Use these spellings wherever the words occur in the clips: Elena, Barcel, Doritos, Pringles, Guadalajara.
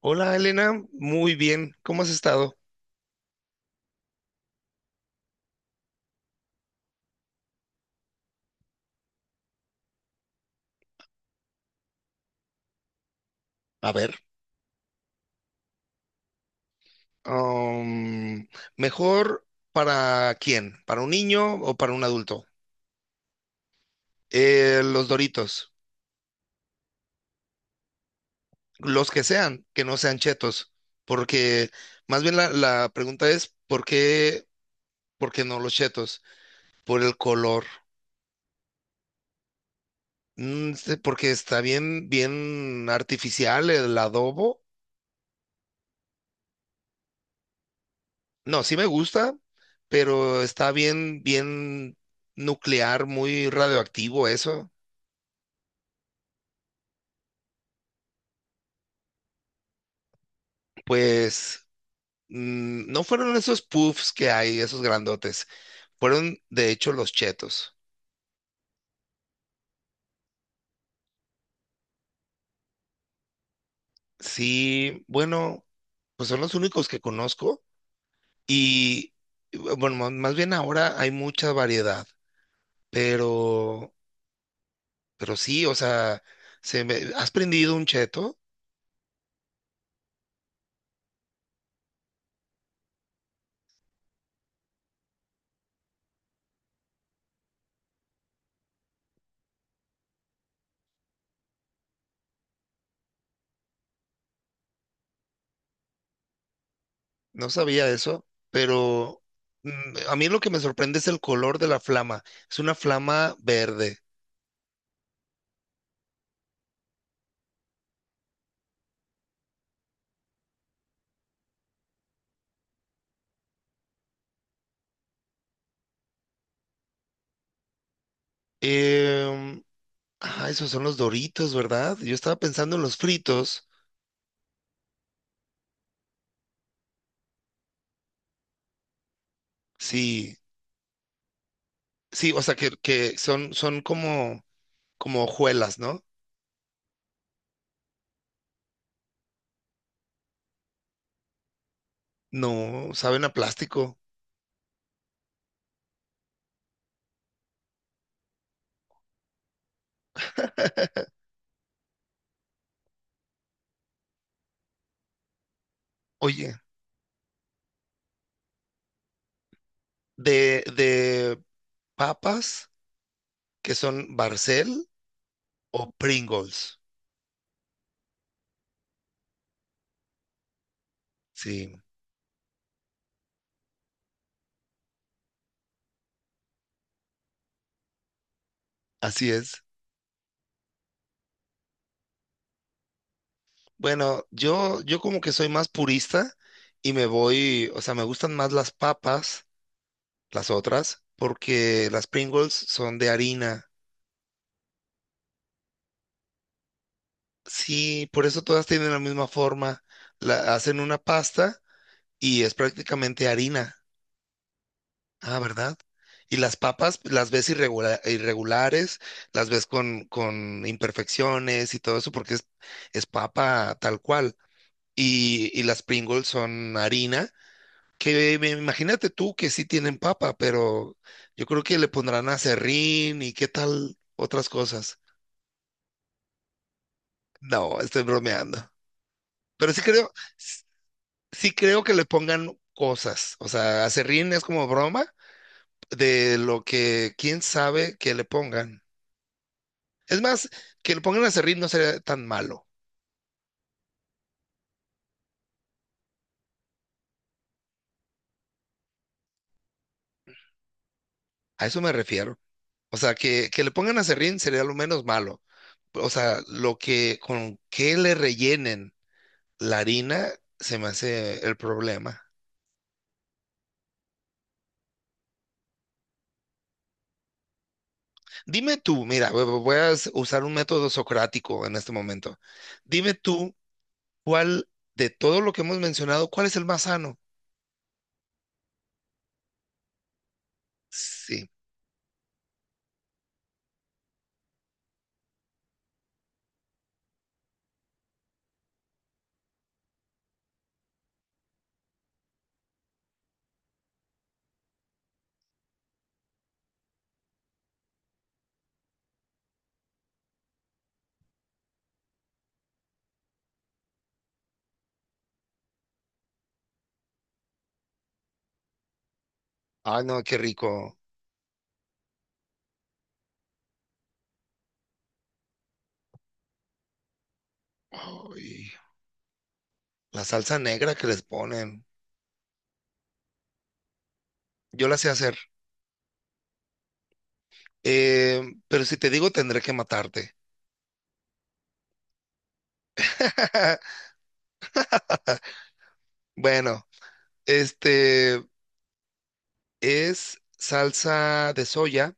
Hola Elena, muy bien, ¿cómo has estado? A ver, Am, ¿mejor para quién? ¿Para un niño o para un adulto? Los Doritos, los que sean, que no sean chetos, porque más bien la pregunta es, ¿por qué no los chetos? Por el color. Porque está bien, bien artificial el adobo. No, sí me gusta, pero está bien, bien nuclear, muy radioactivo eso. Pues no fueron esos puffs que hay, esos grandotes. Fueron, de hecho, los chetos. Sí, bueno, pues son los únicos que conozco. Y bueno, más bien ahora hay mucha variedad. Pero, pero sí, o sea, ¿has prendido un cheto? No sabía eso, pero mm, a mí lo que me sorprende es el color de la flama. Es una flama verde. Em, Ah, esos son los Doritos, ¿verdad? Yo estaba pensando en los fritos. Sí, sí, o sea que son, son como, como hojuelas, ¿no? No, saben a plástico. Oye, de papas que son Barcel o Pringles. Sí, así es. Bueno, yo como que soy más purista y me voy, o sea, me gustan más las papas, las otras, porque las Pringles son de harina. Sí, por eso todas tienen la misma forma. La, hacen una pasta y es prácticamente harina. Ah, ¿verdad? Y las papas las ves irregulares, las ves con imperfecciones y todo eso porque es papa tal cual. Y las Pringles son harina, imagínate tú que sí tienen papa, pero yo creo que le pondrán aserrín y qué tal otras cosas. No, estoy bromeando. Pero sí creo. Sí creo que le pongan cosas. O sea, aserrín es como broma de lo que quién sabe que le pongan. Es más, que le pongan aserrín no sería tan malo. A eso me refiero. O sea, que le pongan aserrín sería lo menos malo. O sea, lo que con qué le rellenen la harina se me hace el problema. Dime tú, mira, usar un método socrático en este momento. Dime tú, ¿cuál de todo lo que hemos mencionado, cuál es el más sano? Sí. Ay, no, qué rico. Ay, la salsa negra que les ponen. Yo la sé hacer. Eh, pero si te digo, tendré que matarte. Bueno, este es salsa de soya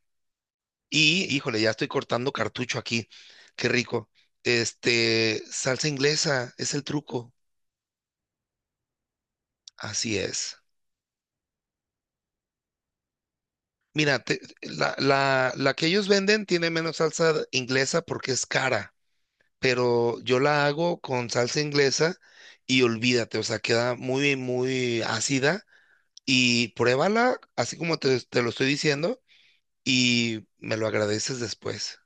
y, híjole, ya estoy cortando cartucho aquí. Qué rico. Salsa inglesa es el truco. Así es. Mira, la que ellos venden tiene menos salsa inglesa porque es cara. Pero yo la hago con salsa inglesa y olvídate, o sea, queda muy, muy ácida y pruébala así como te lo estoy diciendo y me lo agradeces después.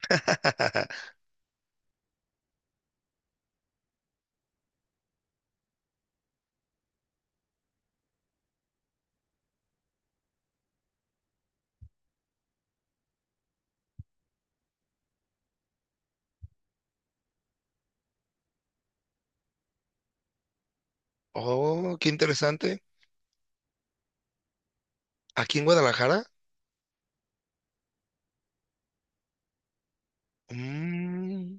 Oh, qué interesante. Aquí en Guadalajara, mm,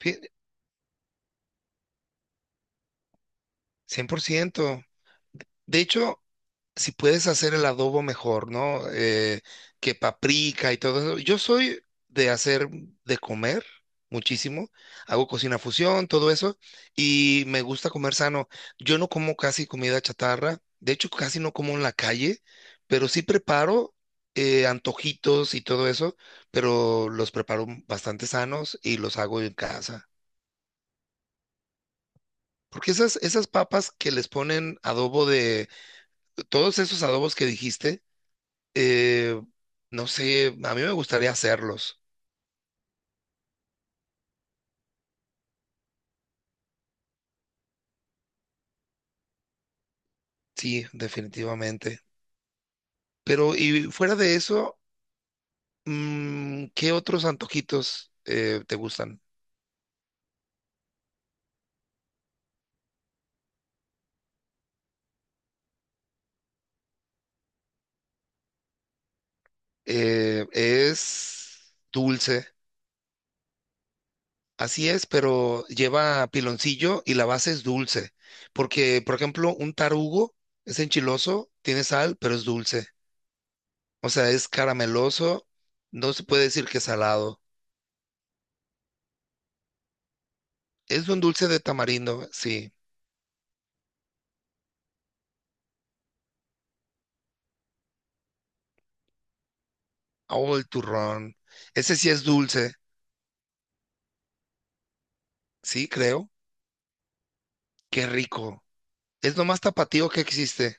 fí- 100%. De hecho, si puedes hacer el adobo mejor, ¿no? Que paprika y todo eso. Yo soy de hacer de comer muchísimo. Hago cocina fusión, todo eso. Y me gusta comer sano. Yo no como casi comida chatarra. De hecho, casi no como en la calle, pero sí preparo antojitos y todo eso, pero los preparo bastante sanos y los hago en casa. Porque esas papas que les ponen adobo de, todos esos adobos que dijiste, Eh, no sé, a mí me gustaría hacerlos, sí, definitivamente. Pero y fuera de eso, ¿qué otros antojitos te gustan? Es dulce, así es, pero lleva piloncillo y la base es dulce. Porque, por ejemplo, un tarugo es enchiloso, tiene sal, pero es dulce. O sea, es carameloso, no se puede decir que es salado. Es un dulce de tamarindo, sí. Oh, el turrón. Ese sí es dulce, sí, creo. Qué rico. Es lo más tapatío que existe.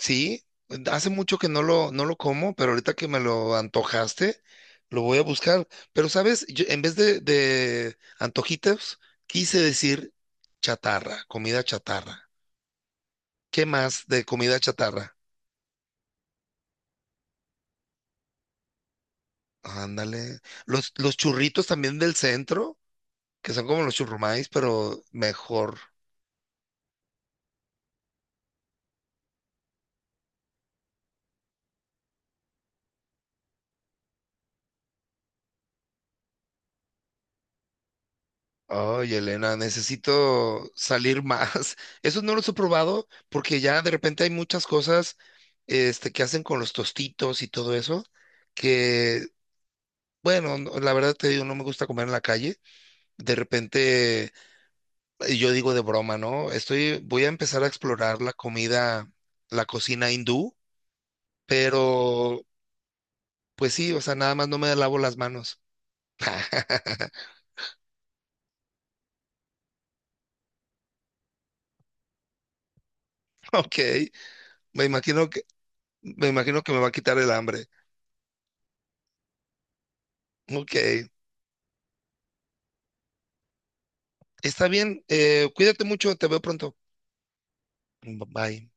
Sí, hace mucho que no lo como, pero ahorita que me lo antojaste, lo voy a buscar. Pero, ¿sabes? Yo, en vez de antojitos, quise decir chatarra, comida chatarra. ¿Qué más de comida chatarra? Ándale. Los churritos también del centro, que son como los churrumais, pero mejor. Ay, Elena, necesito salir más. Esos no los he probado porque ya de repente hay muchas cosas que hacen con los tostitos y todo eso, que, bueno, la verdad te digo, no me gusta comer en la calle. De repente, yo digo de broma, ¿no? Estoy, voy a empezar a explorar la comida, la cocina hindú, pero pues sí, o sea, nada más no me lavo las manos. Ok, me imagino que, me imagino que me va a quitar el hambre. Ok. Está bien, cuídate mucho, te veo pronto. Bye.